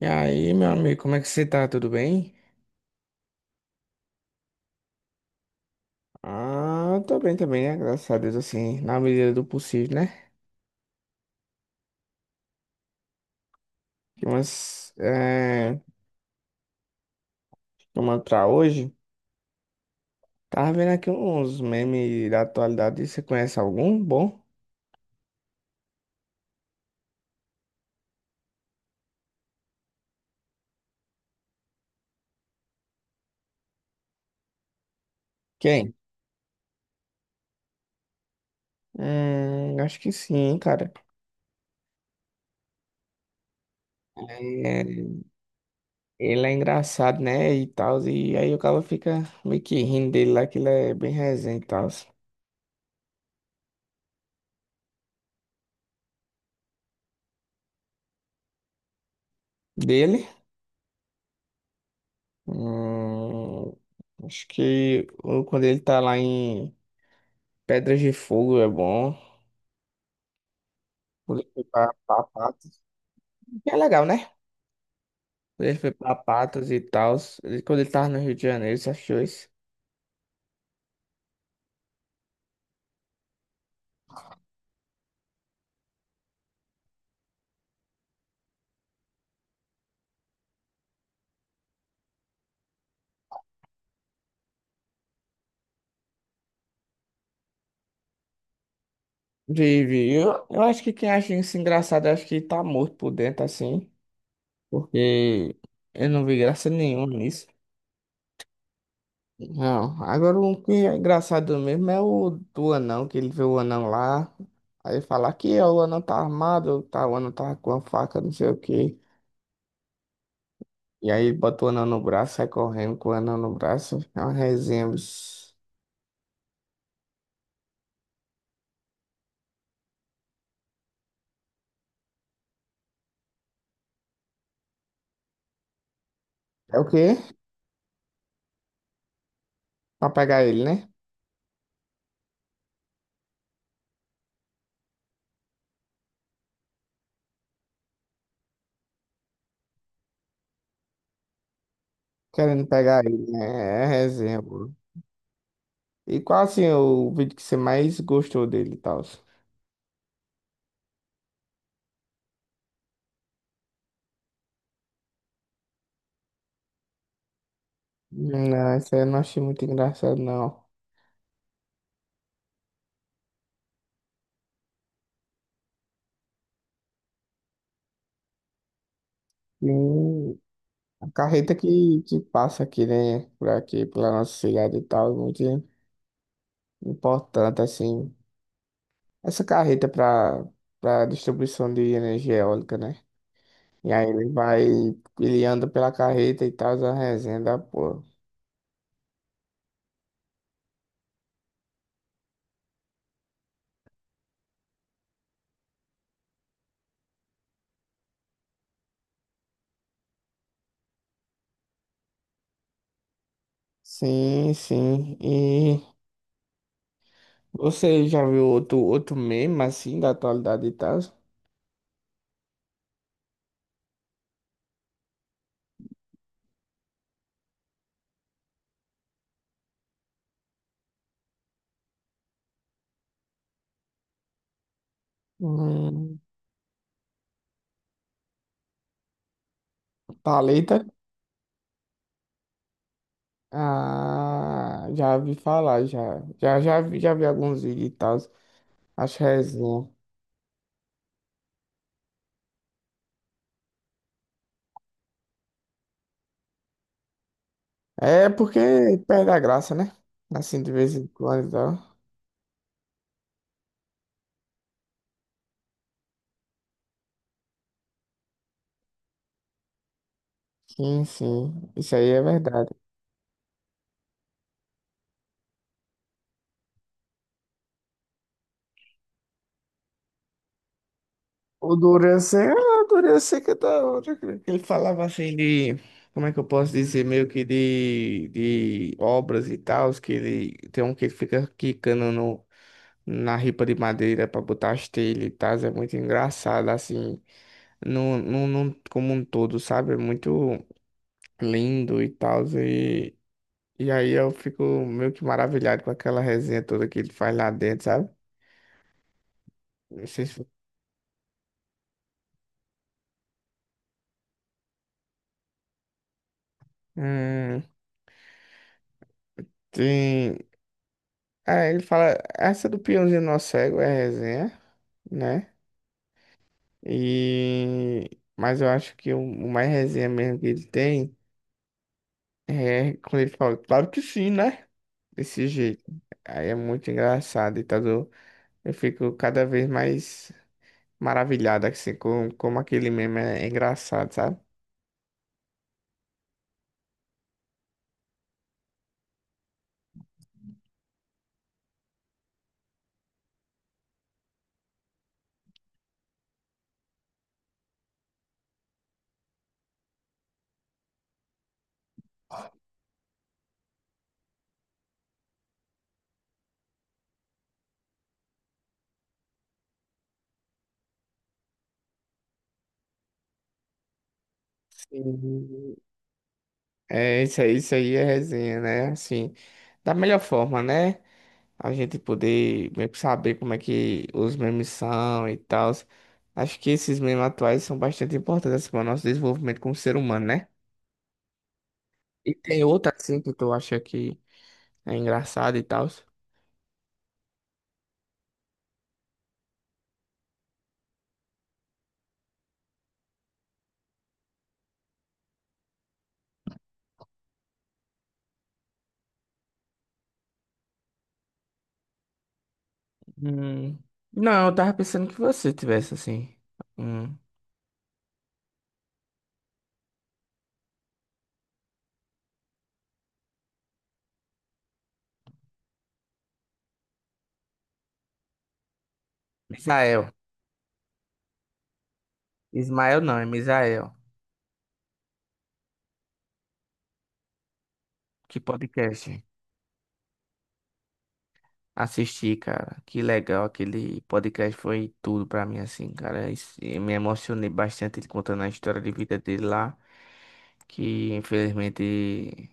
E aí, meu amigo, como é que você tá? Tudo bem? Ah, tô bem também, né? Graças a Deus, assim, na medida do possível, né? Mas, tomando pra hoje, tava vendo aqui uns memes da atualidade. Você conhece algum bom? Quem? Acho que sim, cara. É, ele é engraçado, né? E tal, e aí o cara fica meio que rindo dele lá, que ele é bem resenha e tal. Dele? Hum, Acho que quando ele tá lá em. Pedras de Fogo é bom. Quando ele foi pra Patos. Que é legal, né? Quando ele foi pra Patos e tal. Quando ele tava no Rio de Janeiro, você achou isso? Vive. Eu acho que quem acha isso engraçado, eu acho que tá morto por dentro, assim. Porque eu não vi graça nenhuma nisso. Não. Agora o que é engraçado mesmo é o do anão, que ele vê o anão lá. Aí fala que é, o anão tá armado, tá, o anão tá com a faca, não sei o quê. E aí ele bota o anel no braço, sai correndo com o anel no braço. É uma resenha, bicho. É o quê? Pra pegar ele, né? Querendo pegar ele, né? É resenha, pô. E qual assim o vídeo que você mais gostou dele e tal? Não, esse aí eu não achei muito engraçado, não. E a carreta que passa aqui, né? Por aqui, pela nossa cidade e tal, é muito importante, assim. Essa carreta para distribuição de energia eólica, né? E aí ele vai, ele anda pela carreta e tal, a resenha da porra. Sim, sim. E você já viu outro meme assim da atualidade e tal? Hum, Thalita? Ah, já vi falar, já. Já, já vi alguns vídeos e tal. Acho resenha. É porque perde a graça, né? Assim, de vez em quando e tal. Sim, sim. Isso aí é verdade. O Dorian Seca é da hora, cara. Ele falava assim de, como é que eu posso dizer, meio que de obras e tal, que ele tem um que fica quicando no, na ripa de madeira pra botar as telhas e tal, é muito engraçado, assim, como um todo, sabe? É muito lindo e tal, e aí eu fico meio que maravilhado com aquela resenha toda que ele faz lá dentro, sabe? Não sei se. Hum, sim. Aí ele fala, essa do peãozinho nosso cego é resenha, né? E. Mas eu acho que o mais resenha mesmo que ele tem é quando ele fala, claro que sim, né? Desse jeito. Aí é muito engraçado, e tá do. Eu fico cada vez mais maravilhado, assim, com como aquele meme é engraçado, sabe? Sim. É, isso aí é resenha, né? Assim, da melhor forma, né? A gente poder meio que saber como é que os memes são e tal. Acho que esses memes atuais são bastante importantes para o nosso desenvolvimento como ser humano, né? E tem outra assim que tu acha que é engraçado e tal. Hum, não, eu tava pensando que você tivesse assim. Hum, Misael. Ismael não, é Misael. Que podcast? Assisti, cara. Que legal. Aquele podcast foi tudo pra mim, assim, cara. E me emocionei bastante ele contando a história de vida dele lá. Que infelizmente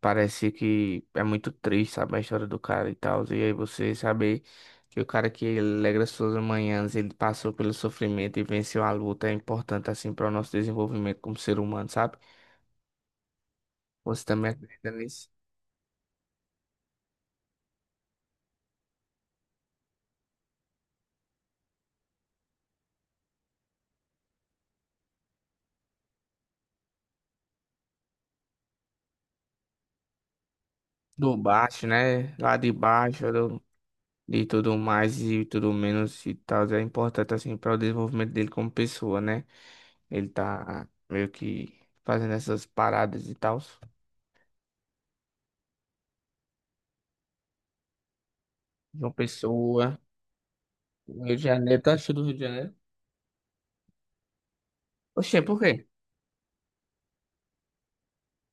parece que é muito triste, sabe? A história do cara e tal. E aí você saber que o cara que alegra suas manhãs, ele passou pelo sofrimento e venceu a luta é importante, assim, para o nosso desenvolvimento como ser humano, sabe? Você também acredita nisso? Do baixo, né? Lá de baixo, do de tudo mais e tudo menos e tal, é importante assim para o desenvolvimento dele como pessoa, né? Ele tá meio que fazendo essas paradas e tal. João Pessoa, Rio de Janeiro, tá achando do Rio de Janeiro? Oxê, por quê?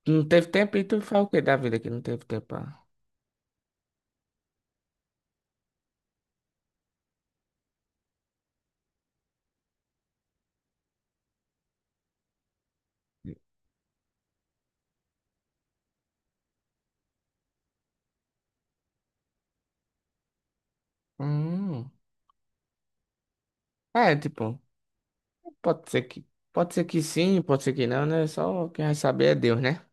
Tu não teve tempo e tu faz o quê da vida que não teve tempo? Hum. É, tipo, pode ser que pode ser que sim, pode ser que não, né? Só quem vai saber é Deus, né?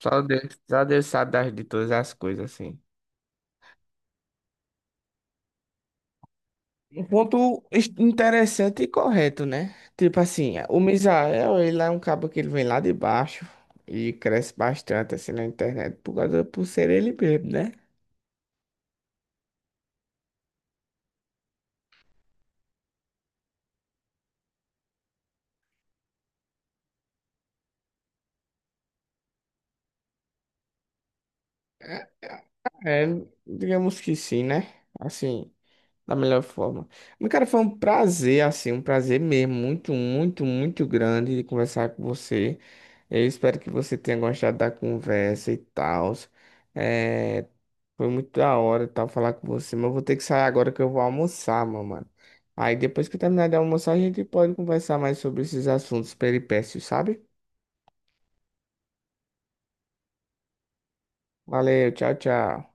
Só Deus, só Deus sabe das, de todas as coisas, assim. Um ponto interessante e correto, né? Tipo assim, o Misael, ele é um cabo que ele vem lá de baixo e cresce bastante assim na internet por causa, por ser ele mesmo, né? É, digamos que sim, né? Assim, da melhor forma. Mas, cara, foi um prazer, assim, um prazer mesmo, muito, muito, muito grande de conversar com você. Eu espero que você tenha gostado da conversa e tal. É, foi muito da hora e tal falar com você, mas eu vou ter que sair agora que eu vou almoçar, meu mano. Aí depois que eu terminar de almoçar, a gente pode conversar mais sobre esses assuntos peripécios, sabe? Valeu, tchau, tchau.